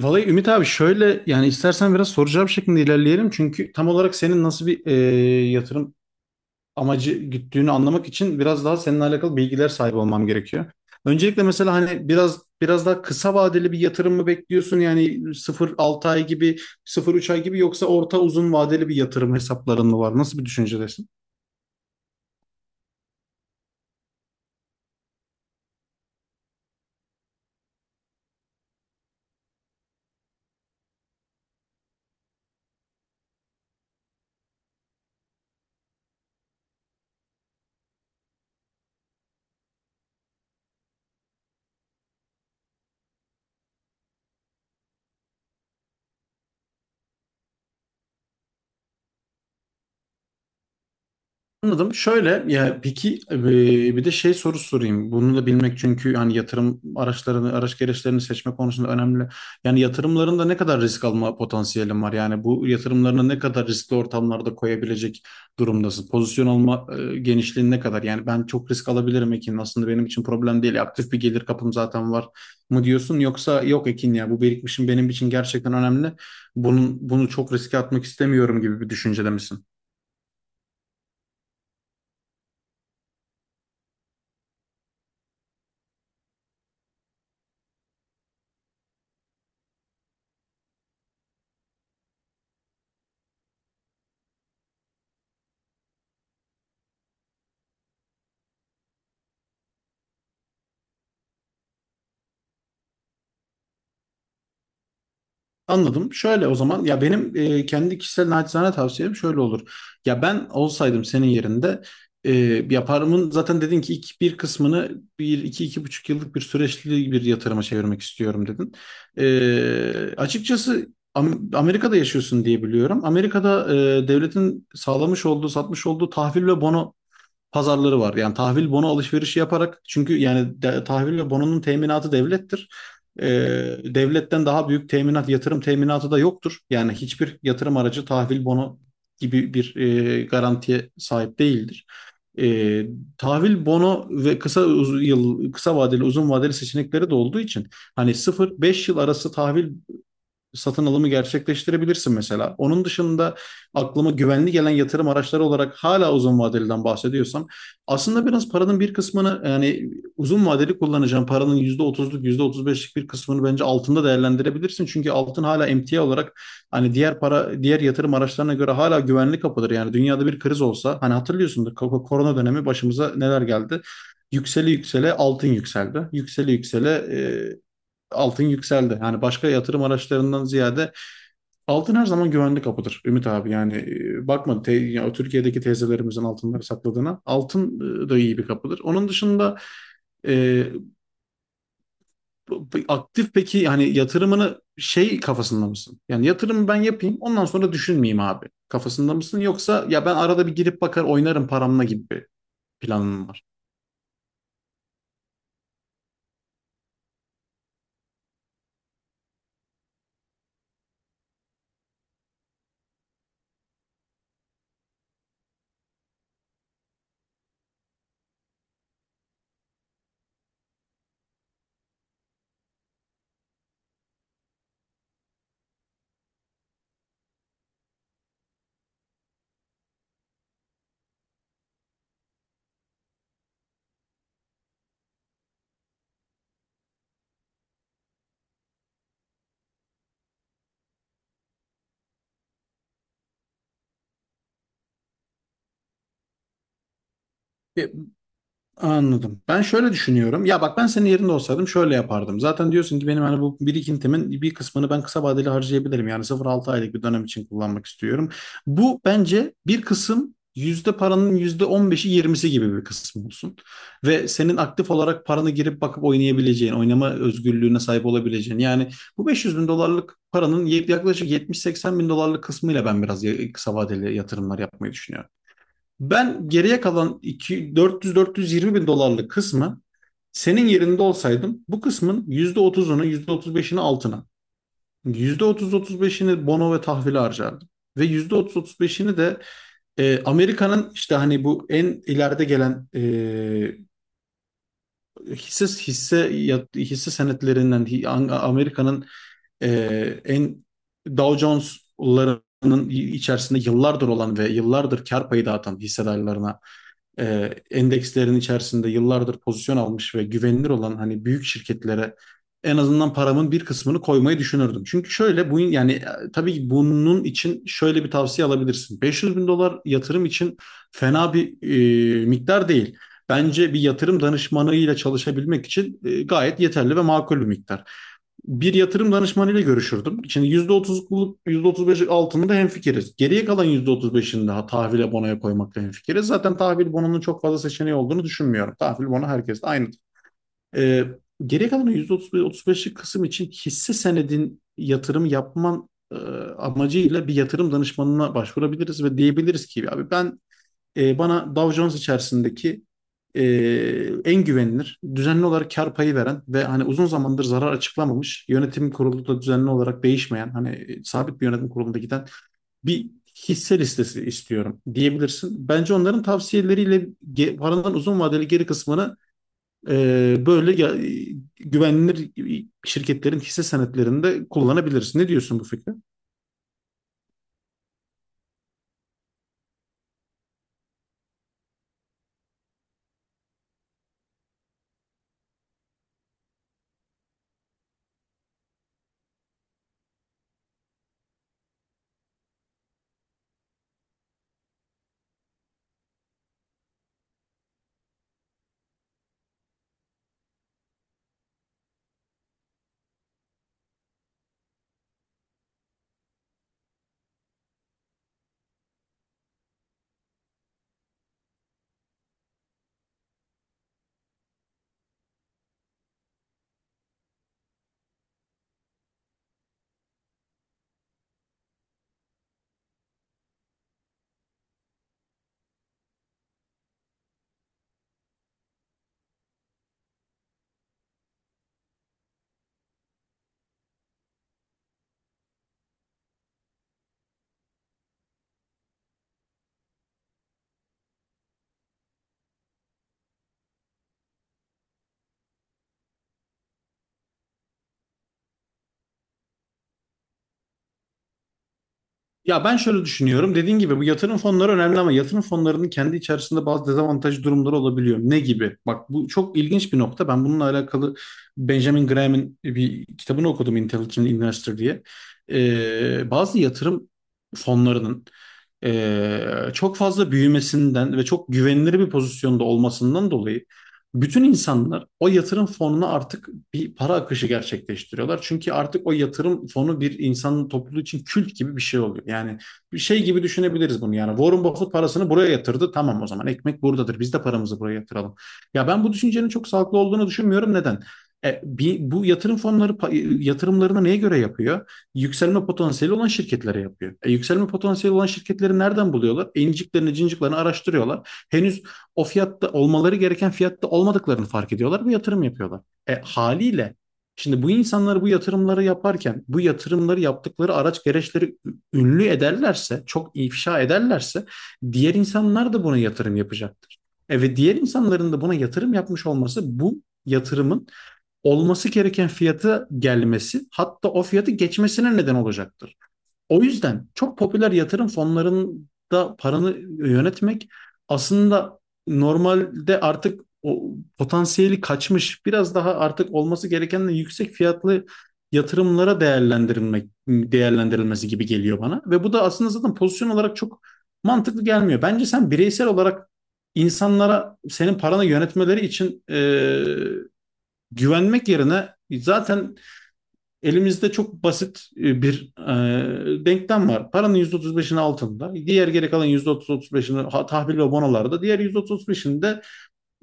Vallahi Ümit abi şöyle yani istersen biraz soracağım cevap şeklinde ilerleyelim. Çünkü tam olarak senin nasıl bir yatırım amacı güttüğünü anlamak için biraz daha seninle alakalı bilgiler sahibi olmam gerekiyor. Öncelikle mesela hani biraz daha kısa vadeli bir yatırım mı bekliyorsun? Yani sıfır 6 ay gibi, sıfır üç ay gibi yoksa orta uzun vadeli bir yatırım hesapların mı var? Nasıl bir düşüncedesin? Anladım. Şöyle ya peki bir de şey soru sorayım. Bunu da bilmek çünkü yani yatırım araçlarını, araç gereçlerini seçme konusunda önemli. Yani yatırımlarında ne kadar risk alma potansiyelin var? Yani bu yatırımlarını ne kadar riskli ortamlarda koyabilecek durumdasın? Pozisyon alma genişliğin ne kadar? Yani ben çok risk alabilirim Ekin. Aslında benim için problem değil. Aktif bir gelir kapım zaten var mı diyorsun? Yoksa yok Ekin ya bu birikmişim benim için gerçekten önemli. Bunu çok riske atmak istemiyorum gibi bir düşüncede misin? Anladım. Şöyle o zaman ya benim kendi kişisel naçizane tavsiyem şöyle olur. Ya ben olsaydım senin yerinde e, yaparımın zaten dedin ki ilk bir kısmını bir iki 2,5 yıllık bir süreçli bir yatırıma çevirmek istiyorum dedin. Açıkçası Amerika'da yaşıyorsun diye biliyorum. Amerika'da devletin sağlamış olduğu satmış olduğu tahvil ve bono pazarları var. Yani tahvil bono alışverişi yaparak çünkü yani tahvil ve bononun teminatı devlettir. Ee, devletten daha büyük teminat, yatırım teminatı da yoktur. Yani hiçbir yatırım aracı tahvil bono gibi bir garantiye sahip değildir. Ee, tahvil bono ve kısa yıl kısa vadeli uzun vadeli seçenekleri de olduğu için hani 0-5 yıl arası tahvil satın alımı gerçekleştirebilirsin mesela. Onun dışında aklıma güvenli gelen yatırım araçları olarak hala uzun vadeliden bahsediyorsam aslında biraz paranın bir kısmını yani uzun vadeli kullanacağım paranın yüzde otuzluk yüzde otuz beşlik bir kısmını bence altında değerlendirebilirsin. Çünkü altın hala emtia olarak hani diğer para diğer yatırım araçlarına göre hala güvenli kapıdır. Yani dünyada bir kriz olsa hani hatırlıyorsundur korona dönemi başımıza neler geldi. Yükseli yüksele altın yükseldi. Yükseli yüksele altın yükseldi. Yani başka yatırım araçlarından ziyade altın her zaman güvenli kapıdır Ümit abi. Yani bakma ya Türkiye'deki teyzelerimizin altınları sakladığına altın da iyi bir kapıdır. Onun dışında e, aktif peki hani yatırımını şey kafasında mısın? Yani yatırımı ben yapayım ondan sonra düşünmeyeyim abi. Kafasında mısın? Yoksa ya ben arada bir girip bakar oynarım paramla gibi bir planın mı var? Anladım. Ben şöyle düşünüyorum. Ya bak ben senin yerinde olsaydım şöyle yapardım. Zaten diyorsun ki benim hani bu birikintimin bir kısmını ben kısa vadeli harcayabilirim. Yani 0-6 aylık bir dönem için kullanmak istiyorum. Bu bence bir kısım yüzde paranın yüzde on beşi yirmisi gibi bir kısım olsun. Ve senin aktif olarak paranı girip bakıp oynayabileceğin, oynama özgürlüğüne sahip olabileceğin. Yani bu 500 bin dolarlık paranın yaklaşık 70-80 bin dolarlık kısmıyla ben biraz kısa vadeli yatırımlar yapmayı düşünüyorum. Ben geriye kalan 400-420 bin dolarlık kısmı senin yerinde olsaydım bu kısmın %30'unu yüzde otuz beşini altına, %30-35'ini bono ve tahvile harcardım. Ve %30-35'ini de Amerika'nın işte hani bu en ileride gelen hisse senetlerinden Amerika'nın e, en Dow Jones'larının içerisinde yıllardır olan ve yıllardır kar payı dağıtan hissedarlarına endekslerin içerisinde yıllardır pozisyon almış ve güvenilir olan hani büyük şirketlere en azından paramın bir kısmını koymayı düşünürdüm. Çünkü şöyle bu yani tabii bunun için şöyle bir tavsiye alabilirsin. 500 bin dolar yatırım için fena bir miktar değil. Bence bir yatırım danışmanıyla çalışabilmek için gayet yeterli ve makul bir miktar bir yatırım danışmanıyla görüşürdüm. Şimdi %30'luk, %35'lik altında hemfikiriz. Geriye kalan %35'ini daha tahvile bonoya koymakla hemfikiriz. Zaten tahvil bonunun çok fazla seçeneği olduğunu düşünmüyorum. Tahvil bonu herkeste aynı. Ee, geriye kalan %35'lik kısım için hisse senedin yatırım yapman amacıyla bir yatırım danışmanına başvurabiliriz ve diyebiliriz ki abi ben bana Dow Jones içerisindeki e, en güvenilir, düzenli olarak kar payı veren ve hani uzun zamandır zarar açıklamamış, yönetim kurulu da düzenli olarak değişmeyen, hani sabit bir yönetim kurulunda giden bir hisse listesi istiyorum diyebilirsin. Bence onların tavsiyeleriyle paranın uzun vadeli geri kısmını böyle güvenilir şirketlerin hisse senetlerinde kullanabilirsin. Ne diyorsun bu fikre? Ya ben şöyle düşünüyorum. Dediğin gibi bu yatırım fonları önemli ama yatırım fonlarının kendi içerisinde bazı dezavantaj durumları olabiliyor. Ne gibi? Bak bu çok ilginç bir nokta. Ben bununla alakalı Benjamin Graham'in bir kitabını okudum Intelligent Investor diye. Bazı yatırım fonlarının çok fazla büyümesinden ve çok güvenilir bir pozisyonda olmasından dolayı bütün insanlar o yatırım fonuna artık bir para akışı gerçekleştiriyorlar. Çünkü artık o yatırım fonu bir insanın topluluğu için kült gibi bir şey oluyor. Yani bir şey gibi düşünebiliriz bunu yani. Warren Buffett parasını buraya yatırdı. Tamam o zaman ekmek buradadır. Biz de paramızı buraya yatıralım. Ya ben bu düşüncenin çok sağlıklı olduğunu düşünmüyorum. Neden? Bir, bu yatırım fonları yatırımlarını neye göre yapıyor? Yükselme potansiyeli olan şirketlere yapıyor. Yükselme potansiyeli olan şirketleri nereden buluyorlar? İnciklerini, cinciklerini araştırıyorlar henüz o fiyatta olmaları gereken fiyatta olmadıklarını fark ediyorlar ve yatırım yapıyorlar. Haliyle şimdi bu insanlar bu yatırımları yaparken bu yatırımları yaptıkları araç gereçleri ünlü ederlerse, çok ifşa ederlerse diğer insanlar da buna yatırım yapacaktır. Ve diğer insanların da buna yatırım yapmış olması bu yatırımın olması gereken fiyata gelmesi hatta o fiyatı geçmesine neden olacaktır. O yüzden çok popüler yatırım fonlarında paranı yönetmek aslında normalde artık o potansiyeli kaçmış, biraz daha artık olması gerekenden yüksek fiyatlı yatırımlara değerlendirilmesi gibi geliyor bana ve bu da aslında zaten pozisyon olarak çok mantıklı gelmiyor. Bence sen bireysel olarak insanlara senin paranı yönetmeleri için güvenmek yerine zaten elimizde çok basit bir denklem var. Paranın %35'ini altında, diğer geri kalan %30-35'ini tahvil ve bonolarda, diğer %30-35'ini de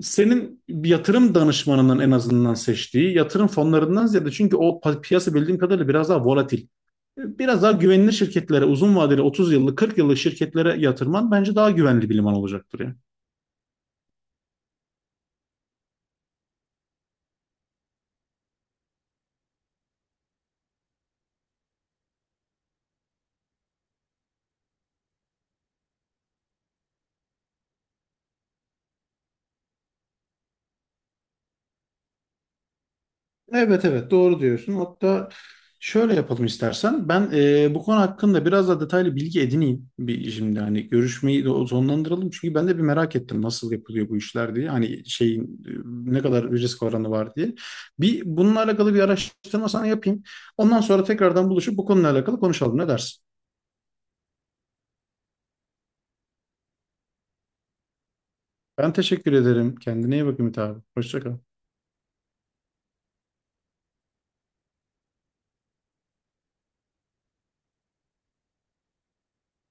senin yatırım danışmanının en azından seçtiği yatırım fonlarından ziyade çünkü o piyasa bildiğim kadarıyla biraz daha volatil. Biraz daha güvenilir şirketlere, uzun vadeli 30 yıllık, 40 yıllık şirketlere yatırman bence daha güvenli bir liman olacaktır ya. Evet evet doğru diyorsun. Hatta şöyle yapalım istersen. Ben bu konu hakkında biraz daha detaylı bilgi edineyim. Bir, şimdi hani görüşmeyi de sonlandıralım. Çünkü ben de bir merak ettim nasıl yapılıyor bu işler diye. Hani şeyin ne kadar risk oranı var diye. Bir bununla alakalı bir araştırma sana yapayım. Ondan sonra tekrardan buluşup bu konuyla alakalı konuşalım. Ne dersin? Ben teşekkür ederim. Kendine iyi bak Ümit abi. Hoşça kal.